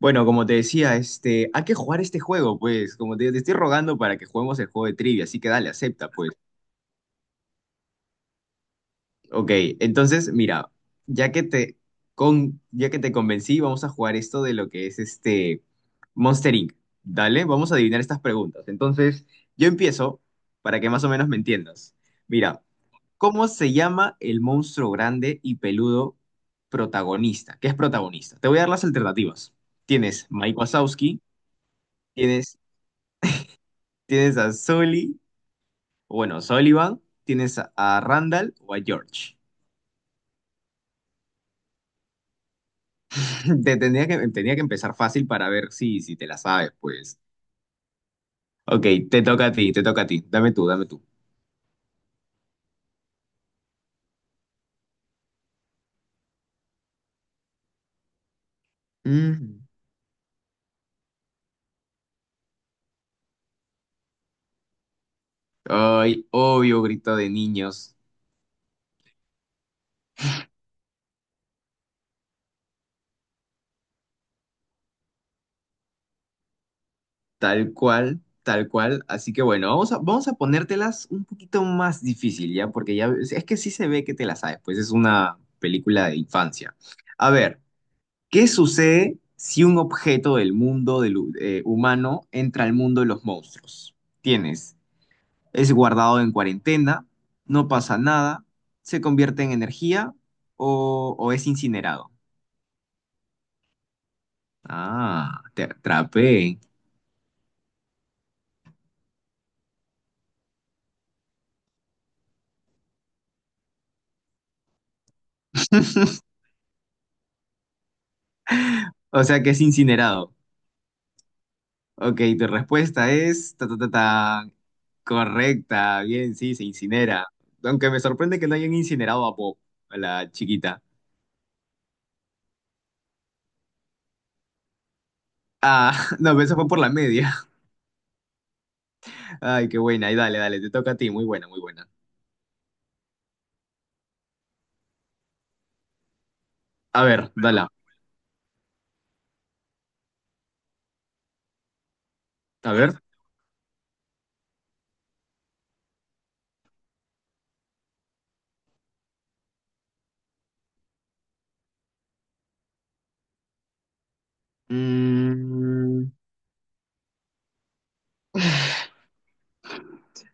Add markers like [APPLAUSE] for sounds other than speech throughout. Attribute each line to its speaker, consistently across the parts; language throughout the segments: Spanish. Speaker 1: Bueno, como te decía, este, hay que jugar este juego, pues. Como te estoy rogando para que juguemos el juego de trivia, así que dale, acepta, pues. Ok, entonces, mira, ya que te, ya que te convencí, vamos a jugar esto de lo que es este Monster Inc. Dale, vamos a adivinar estas preguntas. Entonces, yo empiezo para que más o menos me entiendas. Mira, ¿cómo se llama el monstruo grande y peludo protagonista? ¿Qué es protagonista? Te voy a dar las alternativas. Tienes Mike Wazowski. Tienes Tienes a Sully, o bueno, Sullivan, tienes a Randall o a George. [LAUGHS] Te tenía que empezar fácil para ver si te la sabes, pues. Ok, te toca a ti, te toca a ti. Dame tú, dame tú. Mm. Ay, obvio, grito de niños. Tal cual, tal cual. Así que bueno, vamos a ponértelas un poquito más difícil, ¿ya? Porque ya es que sí se ve que te las sabes, pues es una película de infancia. A ver. ¿Qué sucede si un objeto del mundo del humano entra al mundo de los monstruos? Tienes, es guardado en cuarentena, no pasa nada, se convierte en energía o es incinerado. Ah, te atrapé. [LAUGHS] O sea que es incinerado. Ok, tu respuesta es ta, ta, ta, ta, correcta. Bien, sí, se incinera. Aunque me sorprende que no hayan incinerado a Bob, a la chiquita. Ah, [LAUGHS] no, pero eso fue por la media. Ay, qué buena. Y dale, dale, te toca a ti. Muy buena, muy buena. A ver, dale. A ver. Mm,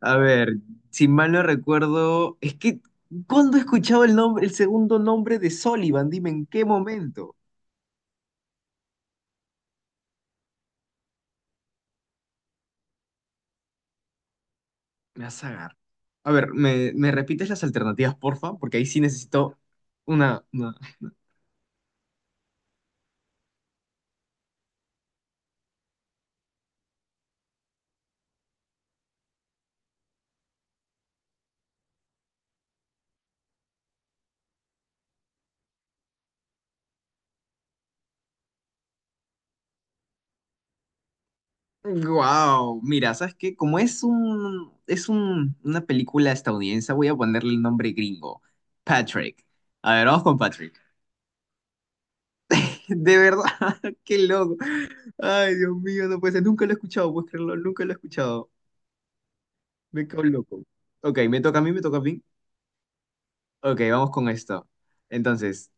Speaker 1: a ver, si mal no recuerdo, es que, ¿cuándo he escuchado el nombre, el segundo nombre de Sullivan? Dime, ¿en qué momento? Me vas a agarrar. A ver, ¿me repites las alternativas, porfa? Porque ahí sí necesito una. Wow, mira, ¿sabes qué? Como una película estadounidense, voy a ponerle el nombre gringo. Patrick. A ver, vamos con Patrick. De verdad, [LAUGHS] qué loco. Ay, Dios mío, no puede ser. Nunca lo he escuchado, puedes creerlo, nunca lo he escuchado. Me cago en loco. Ok, me toca a mí, me toca a mí. Ok, vamos con esto. Entonces,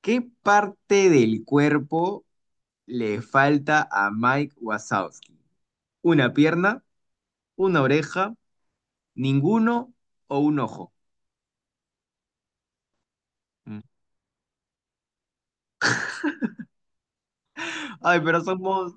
Speaker 1: ¿qué parte del cuerpo le falta a Mike Wazowski? ¿Una pierna, una oreja, ninguno o un ojo? Mm. Ay, pero somos...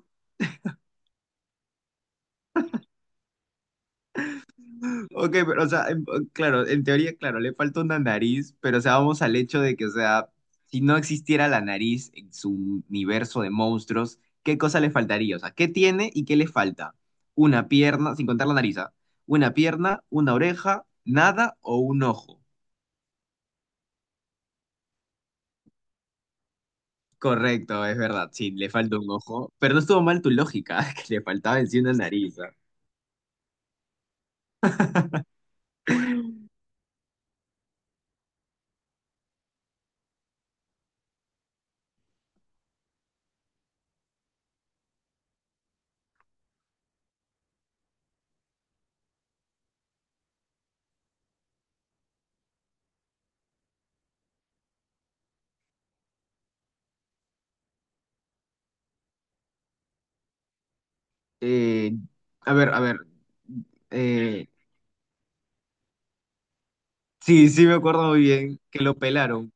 Speaker 1: Ok, pero o sea, claro, en teoría, claro, le falta una nariz, pero o sea, vamos al hecho de que, o sea, si no existiera la nariz en su universo de monstruos, ¿qué cosa le faltaría? O sea, ¿qué tiene y qué le falta? Una pierna, sin contar la nariz, ¿ah? Una pierna, una oreja, nada o un ojo. Correcto, es verdad, sí, le falta un ojo, pero no estuvo mal tu lógica, [LAUGHS] que le faltaba en sí una nariz. ¿Ah? Eh, a ver, a ver, eh, sí, sí me acuerdo muy bien que lo pelaron.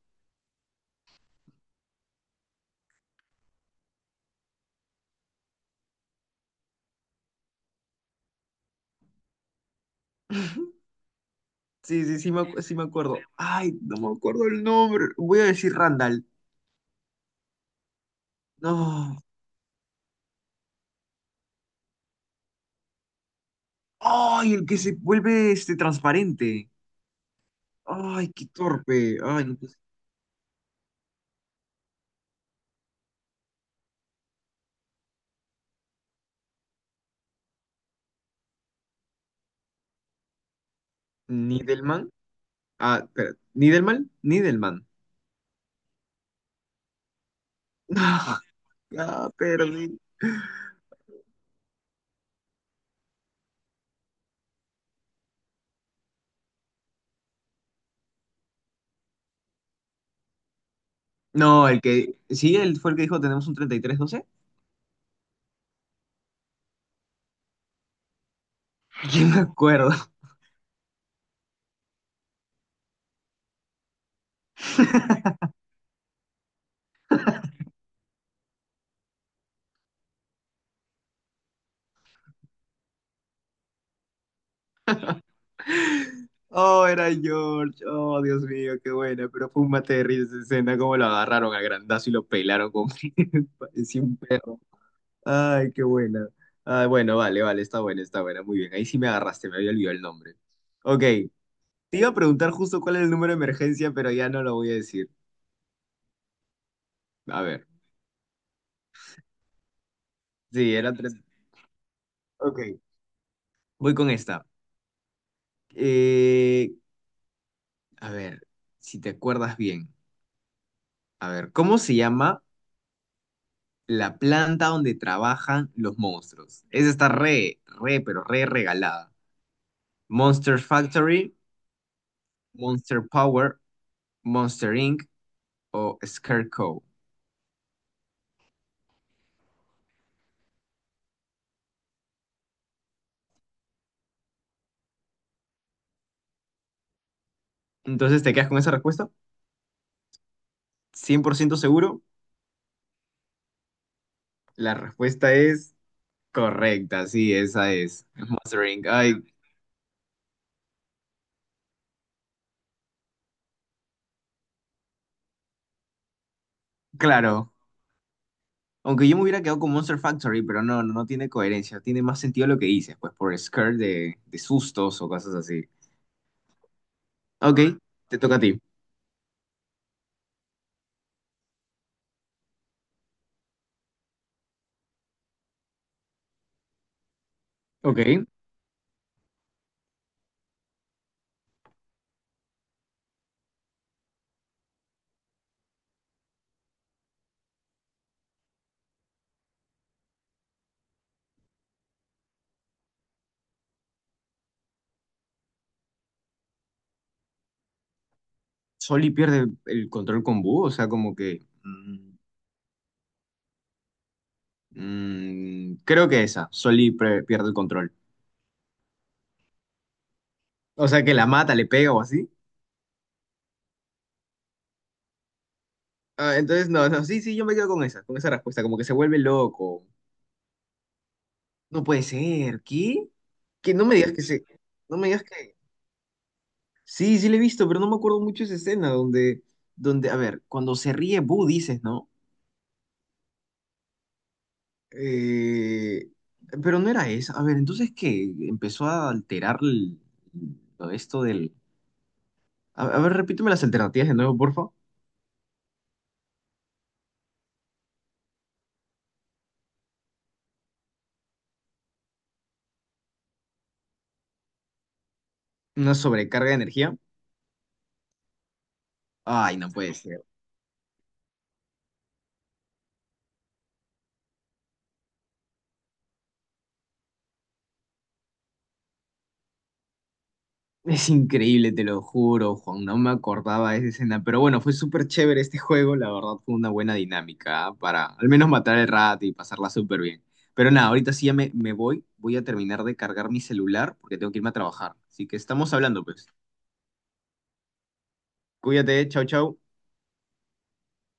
Speaker 1: Sí, sí, sí sí me acuerdo. Ay, no me acuerdo el nombre. Voy a decir Randall. No. Ay, el que se vuelve este transparente. Ay, qué torpe. Ay, no puse- Nidelman. Ah, espera. ¿Nidelman? Nidelman. [LAUGHS] Ah, ya perdí. No, el que. Sí, él fue el que dijo tenemos un 33-12. Yo [LAUGHS] me acuerdo. Oh, era George. Oh, Dios mío, qué buena. Pero fue un mate de risa esa escena. Cómo lo agarraron a grandazo y lo pelaron como [LAUGHS] parecía un perro. Ay, qué buena. Ah, bueno, vale, vale, está buena, está buena. Muy bien, ahí sí me agarraste, me había olvidado el nombre. Ok, te iba a preguntar justo cuál es el número de emergencia, pero ya no lo voy a decir. A ver, sí, era tres. Ok, voy con esta. Eh, a ver, si te acuerdas bien. A ver, ¿cómo se llama la planta donde trabajan los monstruos? Esa está pero re regalada. Monster Factory, Monster Power, Monster Inc. o Scarecrow. Entonces, ¿te quedas con esa respuesta? 100% seguro. La respuesta es correcta, sí, esa es. Monster Inc. Ay, claro. Aunque yo me hubiera quedado con Monster Factory, pero no, no, no tiene coherencia. Tiene más sentido lo que dices, pues por scare de sustos o cosas así. Ok, te toca a ti. Ok. Soli pierde el control con Boo, o sea, como que... creo que esa. Soli pierde el control. O sea, que la mata, le pega o así. Ah, entonces, no, no, sí, sí, yo me quedo con esa respuesta, como que se vuelve loco. No puede ser, ¿qué? Que no me digas que se, no me digas que... Sí, sí le he visto, pero no me acuerdo mucho esa escena donde, a ver, cuando se ríe Boo dices, ¿no? Eh, pero no era esa. A ver, entonces, ¿qué? Empezó a alterar lo de esto del... A ver, repíteme las alternativas de nuevo, porfa. Una sobrecarga de energía. Ay, no puede ser. Es increíble, te lo juro, Juan, no me acordaba de esa escena, pero bueno, fue súper chévere este juego, la verdad fue una buena dinámica, ¿ah? Para al menos matar el rato y pasarla súper bien. Pero nada, ahorita sí ya me voy, voy a terminar de cargar mi celular porque tengo que irme a trabajar. Así que estamos hablando, pues. Cuídate, chau, chau.